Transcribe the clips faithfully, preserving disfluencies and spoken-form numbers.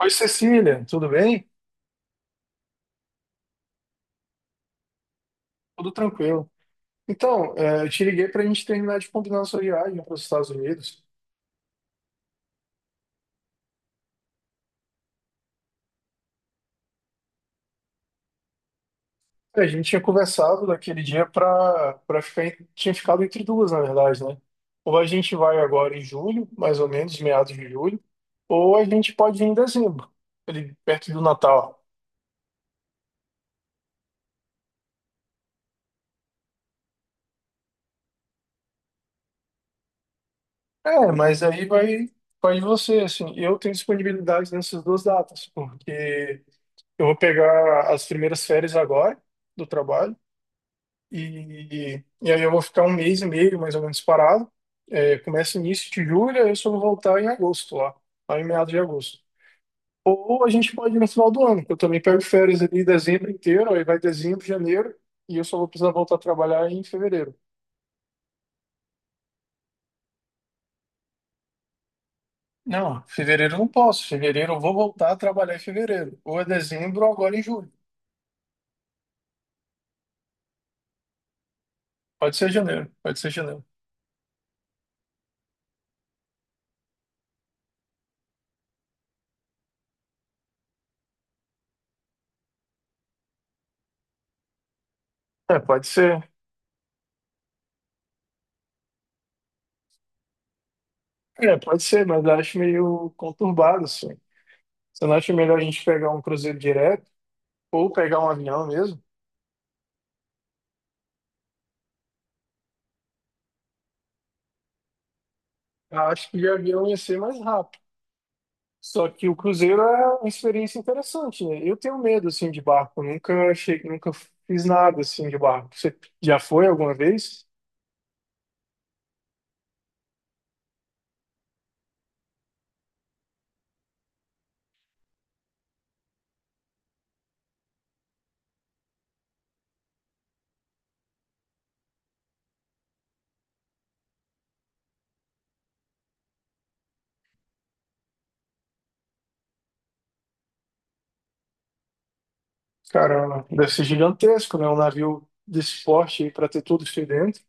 Oi, Cecília, tudo bem? Tudo tranquilo. Então, é, eu te liguei para a gente terminar de combinar a sua viagem para os Estados Unidos. É, A gente tinha conversado daquele dia para para ficar, em- tinha ficado entre duas, na verdade, né? Ou a gente vai agora em julho, mais ou menos, meados de julho, ou a gente pode ir em dezembro, ali perto do Natal. É, mas aí vai, vai de você, assim. Eu tenho disponibilidade nessas duas datas, porque eu vou pegar as primeiras férias agora do trabalho. E, e aí eu vou ficar um mês e meio, mais ou menos, parado. É, começa início de julho, aí eu só vou voltar em agosto lá, lá em meados de agosto. Ou a gente pode ir no final do ano, que eu também pego férias ali dezembro inteiro, aí vai dezembro, janeiro, e eu só vou precisar voltar a trabalhar em fevereiro. Não, fevereiro eu não posso. Fevereiro eu vou voltar a trabalhar em fevereiro. Ou é dezembro ou agora em julho. Pode ser janeiro, pode ser janeiro. É, pode ser. É, pode ser, mas eu acho meio conturbado, assim. Você não acha melhor a gente pegar um cruzeiro direto? Ou pegar um avião mesmo, acho que de avião ia ser mais rápido. Só que o cruzeiro é uma experiência interessante, né? Eu tenho medo, assim, de barco. Eu nunca achei, nunca fiz nada, assim, de barco. Você já foi alguma vez? Cara, deve ser gigantesco, né? Um navio desse porte aí pra ter tudo isso aí dentro.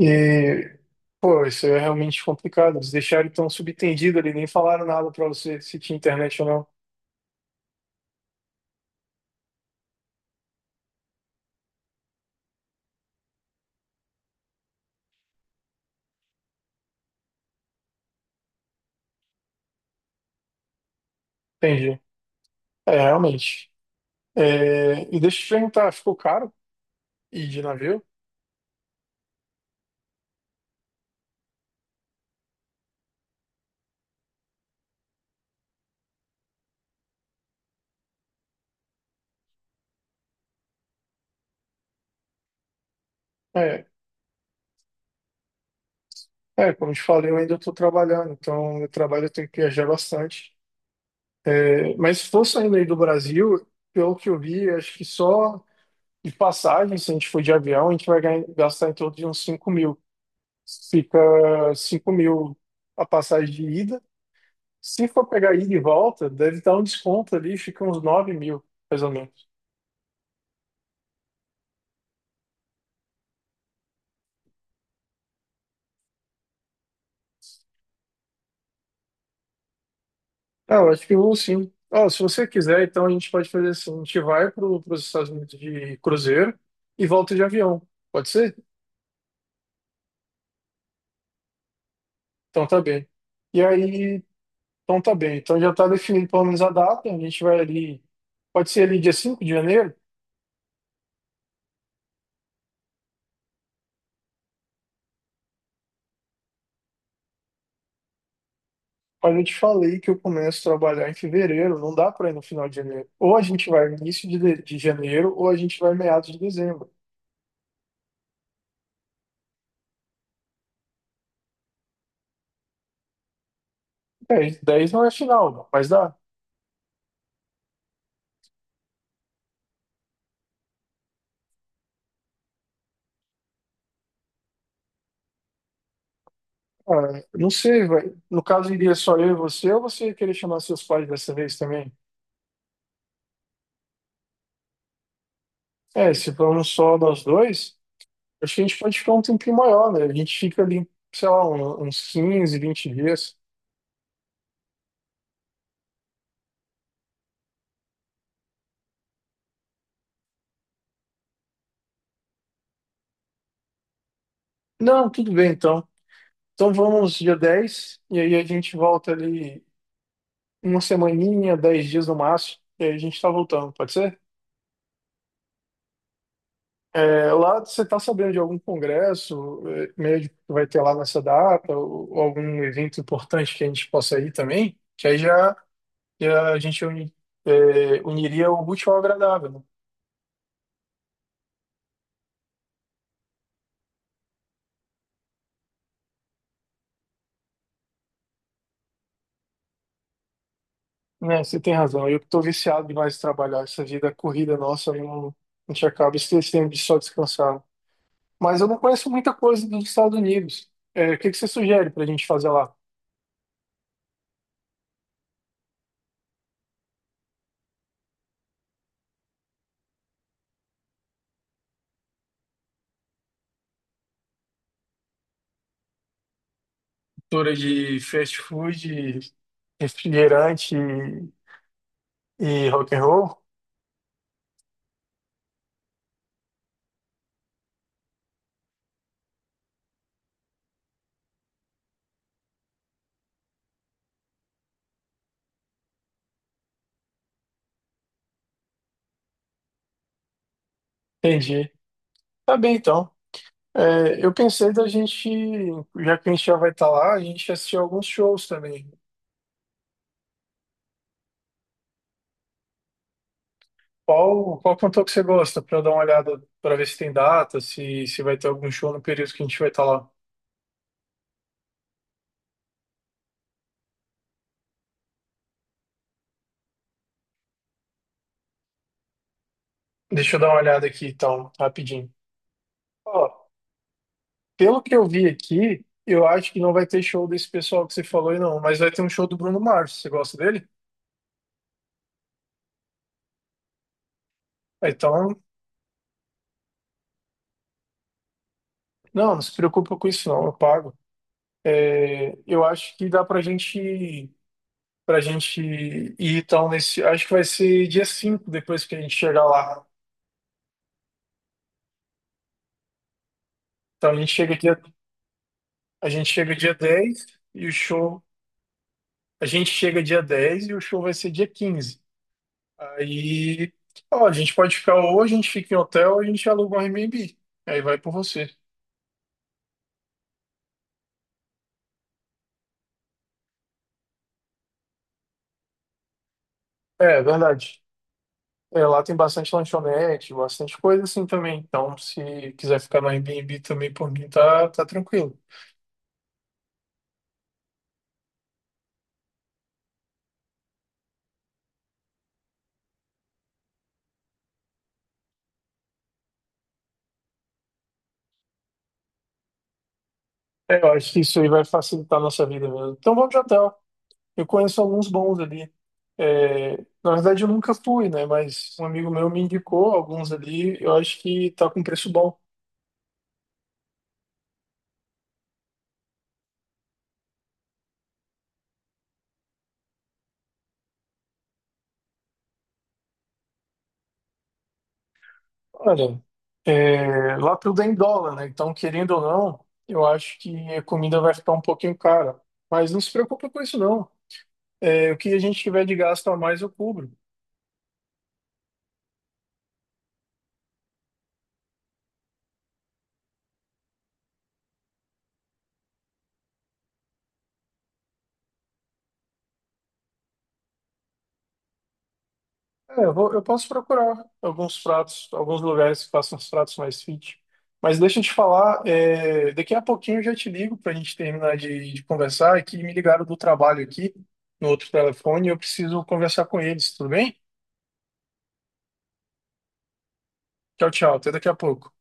E, pô, isso é realmente complicado. Eles deixaram tão subentendido ali, nem falaram nada para você se tinha internet ou não. Entendi. É, realmente. É, e deixa eu te perguntar, ficou caro ir de navio? é É, como eu te falei, eu ainda estou trabalhando, então meu trabalho eu tenho que viajar bastante. É, mas se for saindo aí do Brasil, pelo que eu vi, acho que só de passagem, se a gente for de avião, a gente vai ganhar- gastar em torno de uns cinco mil. Fica cinco mil a passagem de ida. Se for pegar ida e volta, deve dar um desconto ali, fica uns nove mil, mais ou menos. Ah, eu acho que eu vou sim. Ó, se você quiser, então a gente pode fazer assim, a gente vai para os Estados Unidos de cruzeiro e volta de avião. Pode ser? Então tá bem. E aí, então tá bem. Então já tá definido pelo menos a data. A gente vai ali. Pode ser ali dia cinco de janeiro? Mas eu te falei que eu começo a trabalhar em fevereiro, não dá para ir no final de janeiro. Ou a gente vai início de, de de janeiro, ou a gente vai meados de dezembro. É, dez 10 não é final, mas dá. Ah, não sei, vai. No caso, iria só eu e você, ou você ia querer chamar seus pais dessa vez também? É, se formos só nós dois, acho que a gente pode ficar um tempinho maior, né? A gente fica ali, sei lá, um- uns quinze vinte dias. Não, tudo bem então. Então vamos dia dez e aí a gente volta ali uma semaninha, dez dias no máximo, e aí a gente tá voltando, pode ser? É, lá você tá sabendo de algum congresso é, médico que vai ter lá nessa data, ou, ou algum evento importante que a gente possa ir também? Que aí já, já a gente uni- é, uniria o útil ao agradável, né? Né, você tem razão, eu que tô viciado demais de trabalhar, essa vida corrida nossa, eu não, a gente acaba esquecendo de só descansar. Né? Mas eu não conheço muita coisa dos Estados Unidos. É, o que que você sugere para a gente fazer lá? Cultura de fast food, refrigerante e, e rock and roll? Entendi. Tá bem, então. É, eu pensei da gente, já que a gente já vai estar lá, a gente assistir alguns shows também. Qual, qual cantor que você gosta? Para eu dar uma olhada, para ver se tem data, se, se vai ter algum show no período que a gente vai estar lá. Deixa eu dar uma olhada aqui, então, rapidinho. Ó, pelo que eu vi aqui, eu acho que não vai ter show desse pessoal que você falou aí, não. Mas vai ter um show do Bruno Mars. Você gosta dele? Então, não, não se preocupa com isso, não. Eu pago. É, eu acho que dá pra gente, pra gente ir então nesse. Acho que vai ser dia cinco depois que a gente chegar lá. Então a gente chega dia, a gente chega dia dez e o show. A gente chega dia dez e o show vai ser dia quinze. Aí, ó, a gente pode ficar ou a gente fica em hotel ou a gente aluga um Airbnb. Aí vai por você. É, verdade. É, lá tem bastante lanchonete, bastante coisa assim também. Então, se quiser ficar no Airbnb também, por mim, tá, tá tranquilo. É, eu acho que isso aí vai facilitar a nossa vida mesmo. Então, vamos de hotel. Eu conheço alguns bons ali. É, na verdade, eu nunca fui, né? Mas um amigo meu me indicou alguns ali. Eu acho que tá com preço bom. Olha, é, lá tudo é em dólar, né? Então, querendo ou não, eu acho que a comida vai ficar um pouquinho cara. Mas não se preocupe com isso, não. É, o que a gente tiver de gasto a mais, eu cubro. É, eu vou, eu posso procurar alguns pratos, alguns lugares que façam os pratos mais fit. Mas deixa eu te falar, é, daqui a pouquinho eu já te ligo para a gente terminar de, de conversar. É que me ligaram do trabalho aqui, no outro telefone, e eu preciso conversar com eles, tudo bem? Tchau, tchau, até daqui a pouco.